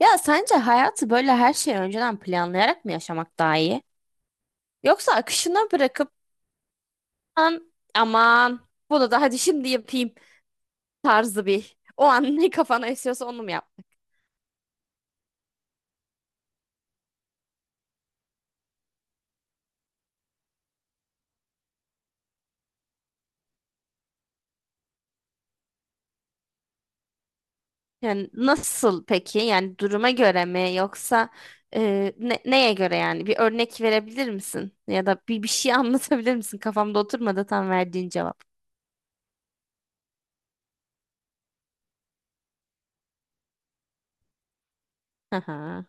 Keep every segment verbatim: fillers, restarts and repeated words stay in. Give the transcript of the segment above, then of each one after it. Ya sence hayatı böyle her şeyi önceden planlayarak mı yaşamak daha iyi? Yoksa akışına bırakıp "An- aman bunu da hadi şimdi yapayım tarzı bir o an ne kafana esiyorsa onu mu yapmak? Yani nasıl peki? Yani duruma göre mi yoksa e, ne- neye göre yani? Bir örnek verebilir misin? Ya da bir, bir şey anlatabilir misin? Kafamda oturmadı tam verdiğin cevap. Hı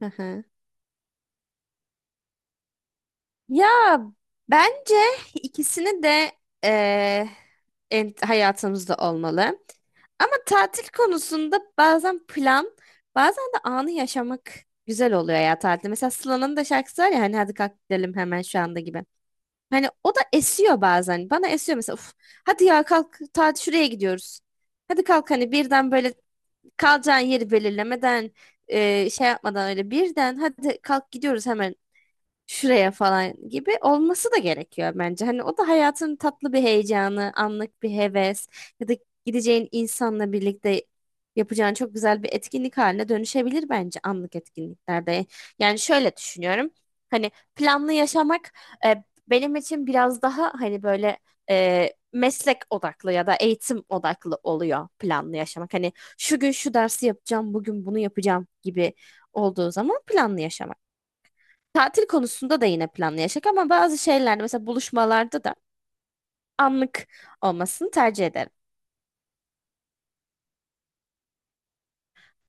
hı. Ya bence ikisini de eee, en- hayatımızda olmalı. Ama tatil konusunda bazen plan, bazen de anı yaşamak güzel oluyor ya tatilde. Mesela Sıla'nın da şarkısı var ya hani hadi kalk gidelim hemen şu anda gibi. Hani o da esiyor bazen. Bana esiyor mesela. Uf, hadi ya kalk tatil şuraya gidiyoruz. Hadi kalk hani birden böyle kalacağın yeri belirlemeden eee, şey yapmadan öyle birden hadi kalk gidiyoruz hemen şuraya falan gibi olması da gerekiyor bence. Hani o da hayatın tatlı bir heyecanı, anlık bir heves ya da gideceğin insanla birlikte yapacağın çok güzel bir etkinlik haline dönüşebilir bence anlık etkinliklerde. Yani şöyle düşünüyorum. Hani planlı yaşamak e, benim için biraz daha hani böyle e, meslek odaklı ya da eğitim odaklı oluyor planlı yaşamak. Hani şu gün şu dersi yapacağım, bugün bunu yapacağım gibi olduğu zaman planlı yaşamak. Tatil konusunda da yine planlı yaşak ama bazı şeylerde mesela buluşmalarda da anlık olmasını tercih ederim.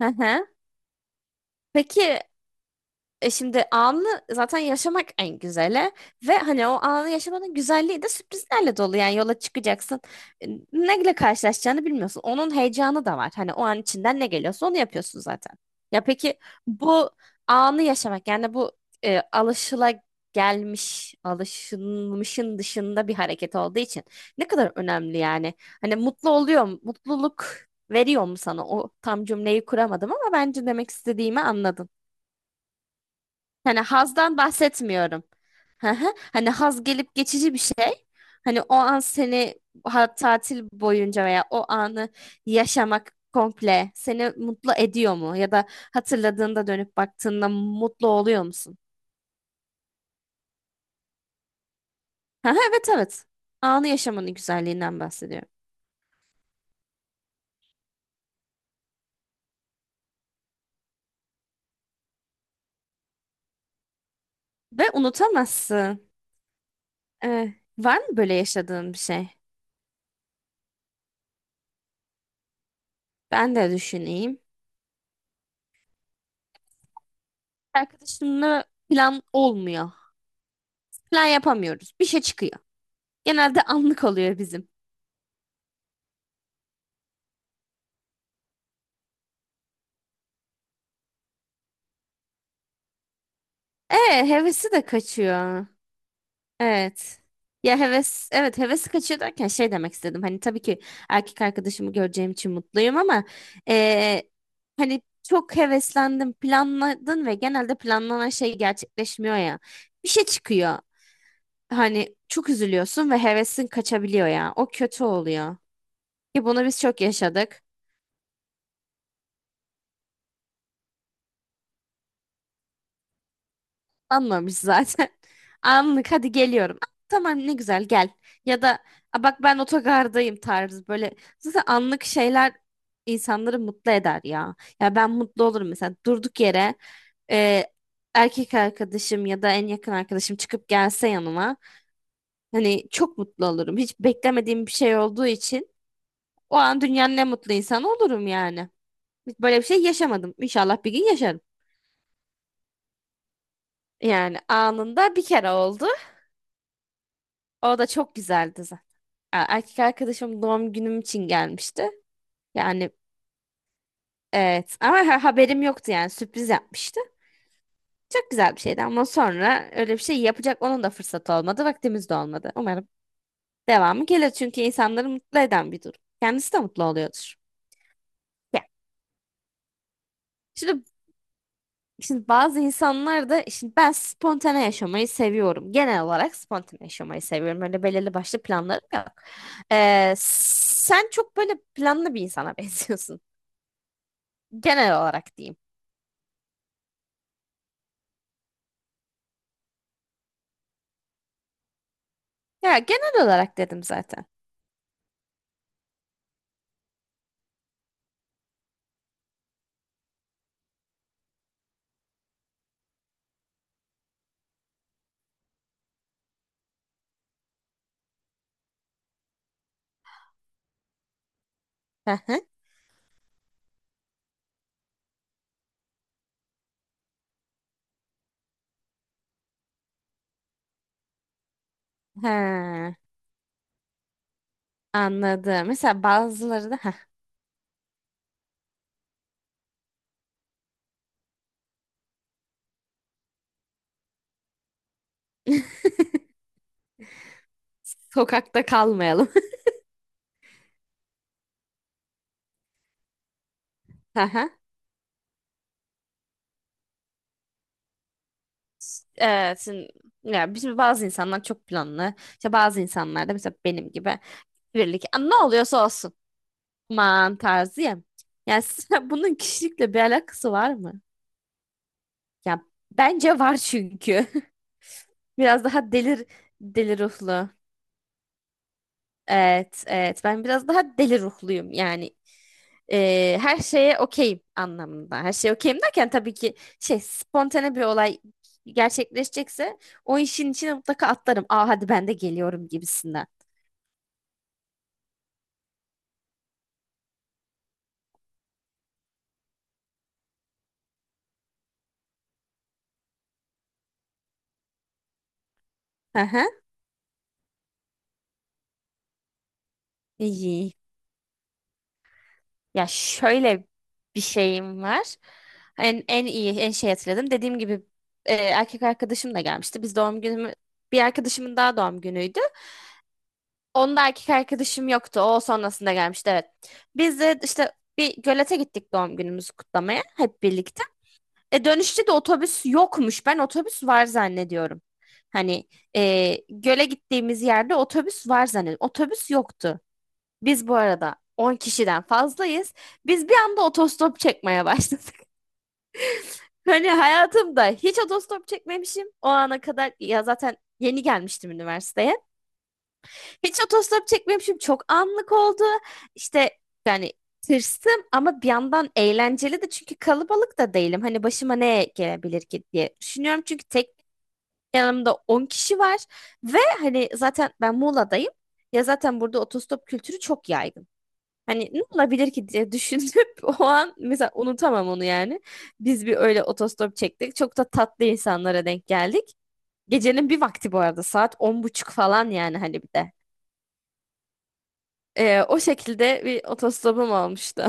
Hı hı. Peki. E şimdi anı zaten yaşamak en güzeli ve hani o anı yaşamanın güzelliği de sürprizlerle dolu. Yani yola çıkacaksın. E, Neyle karşılaşacağını bilmiyorsun. Onun heyecanı da var. Hani o an içinden ne geliyorsa onu yapıyorsun zaten. Ya peki bu anı yaşamak yani bu e, alışıla gelmiş, alışılmışın dışında bir hareket olduğu için ne kadar önemli yani. Hani mutlu oluyor, mu? Mutluluk veriyor mu sana? O tam cümleyi kuramadım ama bence demek istediğimi anladın. Hani hazdan bahsetmiyorum. Hı hı. Hani haz gelip geçici bir şey. Hani o an seni ha- tatil boyunca veya o anı yaşamak komple seni mutlu ediyor mu? Ya da hatırladığında dönüp baktığında mutlu oluyor musun? Hı hı, evet, evet. Anı yaşamanın güzelliğinden bahsediyorum. Ve unutamazsın. Eh, var mı böyle yaşadığın bir şey? Ben de düşüneyim. Arkadaşımla plan olmuyor. Plan yapamıyoruz. Bir şey çıkıyor. Genelde anlık oluyor bizim. Evet, hevesi de kaçıyor. Evet. Ya heves, evet, hevesi kaçıyor derken şey demek istedim. Hani tabii ki erkek arkadaşımı göreceğim için mutluyum ama eee, hani çok heveslendim, planladın ve genelde planlanan şey gerçekleşmiyor ya. Bir şey çıkıyor. Hani çok üzülüyorsun ve hevesin kaçabiliyor ya. O kötü oluyor. Ki bunu biz çok yaşadık. Anlamış zaten. Anlık hadi geliyorum. "Ah, tamam ne güzel gel." Ya da "Aa, bak ben otogardayım" tarzı böyle. Zaten anlık şeyler insanları mutlu eder ya. Ya ben mutlu olurum mesela durduk yere e, erkek arkadaşım ya da en yakın arkadaşım çıkıp gelse yanıma. Hani çok mutlu olurum. Hiç beklemediğim bir şey olduğu için o an dünyanın en mutlu insanı olurum yani. Hiç böyle bir şey yaşamadım. İnşallah bir gün yaşarım. Yani anında bir kere oldu. O da çok güzeldi. e, erkek arkadaşım doğum günüm için gelmişti. Yani evet, ama ha- haberim yoktu yani sürpriz yapmıştı. Çok güzel bir şeydi ama sonra öyle bir şey yapacak onun da fırsatı olmadı. Vaktimiz de olmadı. Umarım devamı gelir çünkü insanları mutlu eden bir durum. Kendisi de mutlu oluyordur. Ya, şimdi, şimdi bazı insanlar da şimdi ben spontane yaşamayı seviyorum. Genel olarak spontane yaşamayı seviyorum. Öyle belirli başlı planlarım yok. Ee, sen çok böyle planlı bir insana benziyorsun. Genel olarak diyeyim. Ya genel olarak dedim zaten. Hı hı. Ha, anladım. Mesela bazıları da ha. Sokakta kalmayalım. Hı hı. Evet, şimdi, ya bizim bazı insanlar çok planlı. İşte bazı insanlar da mesela benim gibi birlik. "Aa, ne oluyorsa olsun." Aman tarzı ya. Yani sen- bunun kişilikle bir alakası var mı? Ya bence var çünkü. Biraz daha delir deli ruhlu. Evet, evet. Ben biraz daha deli ruhluyum yani. Ee, her şeye okeyim anlamında. Her şeye okeyim derken tabii ki şey spontane bir olay gerçekleşecekse o işin içine mutlaka atlarım. Aa hadi ben de geliyorum gibisinden. Hı hı. İyi. Ya şöyle bir şeyim var. En, en iyi, en şey hatırladım. Dediğim gibi e, erkek arkadaşım da gelmişti. Biz doğum günümü, bir arkadaşımın daha doğum günüydü. Onda erkek arkadaşım yoktu. O sonrasında gelmişti, evet. Biz de işte bir gölete gittik doğum günümüzü kutlamaya hep birlikte. E dönüşte de otobüs yokmuş. Ben otobüs var zannediyorum. Hani e, göle gittiğimiz yerde otobüs var zannediyorum. Otobüs yoktu. Biz bu arada on kişiden fazlayız. Biz bir anda otostop çekmeye başladık. Hani hayatımda hiç otostop çekmemişim. O ana kadar ya zaten yeni gelmiştim üniversiteye. Hiç otostop çekmemişim. Çok anlık oldu. İşte yani tırstım ama bir yandan eğlenceli de çünkü kalabalık da değilim. Hani başıma ne gelebilir ki diye düşünüyorum. Çünkü tek yanımda on kişi var ve hani zaten ben Muğla'dayım. Ya zaten burada otostop kültürü çok yaygın. Hani ne olabilir ki diye düşünüp o an mesela unutamam onu yani. Biz bir öyle otostop çektik. Çok da tatlı insanlara denk geldik. Gecenin bir vakti bu arada saat on buçuk falan yani hani bir de. Ee, o şekilde bir otostopum olmuştu.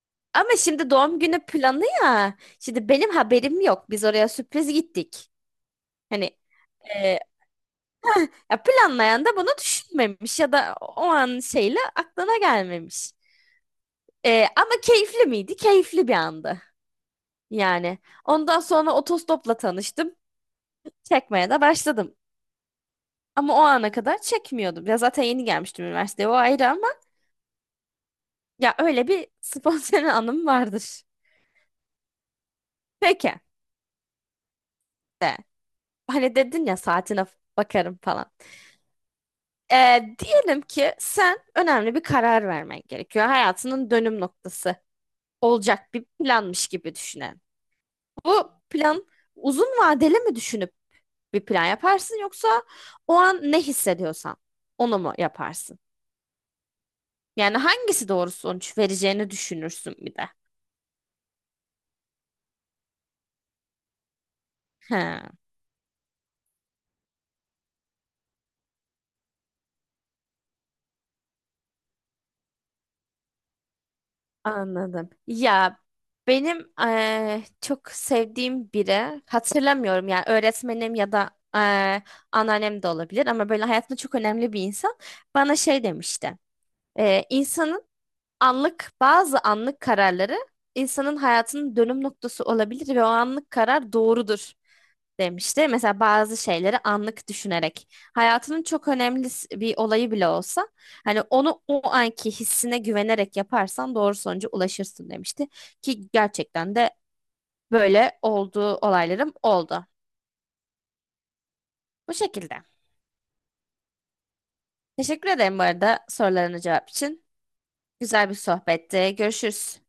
Ama şimdi doğum günü planı ya. Şimdi benim haberim yok. Biz oraya sürpriz gittik. Hani e, ya planlayan da bunu düşünmemiş ya da o an şeyle aklına gelmemiş. E, ama keyifli miydi? Keyifli bir andı. Yani ondan sonra otostopla tanıştım. Çekmeye de başladım. Ama o ana kadar çekmiyordum. Ya zaten yeni gelmiştim üniversiteye, o ayrı, ama ya öyle bir spontane anım vardır. Peki, hani dedin ya saatine bakarım falan. Ee, diyelim ki sen önemli bir karar vermen gerekiyor. Hayatının dönüm noktası olacak bir planmış gibi düşünelim. Bu plan uzun vadeli mi düşünüp bir plan yaparsın yoksa o an ne hissediyorsan onu mu yaparsın? Yani hangisi doğru sonuç vereceğini düşünürsün bir de. He. Anladım. Ya benim eee, çok sevdiğim biri hatırlamıyorum yani öğretmenim ya da eee anneannem de olabilir ama böyle hayatımda çok önemli bir insan bana şey demişti. Eee, İnsanın Anlık bazı anlık kararları insanın hayatının dönüm noktası olabilir ve o anlık karar doğrudur demişti. Mesela bazı şeyleri anlık düşünerek hayatının çok önemli bir olayı bile olsa hani onu o anki hissine güvenerek yaparsan doğru sonuca ulaşırsın demişti. Ki gerçekten de böyle olduğu olaylarım oldu. Bu şekilde. Teşekkür ederim bu arada sorularına cevap için. Güzel bir sohbetti. Görüşürüz.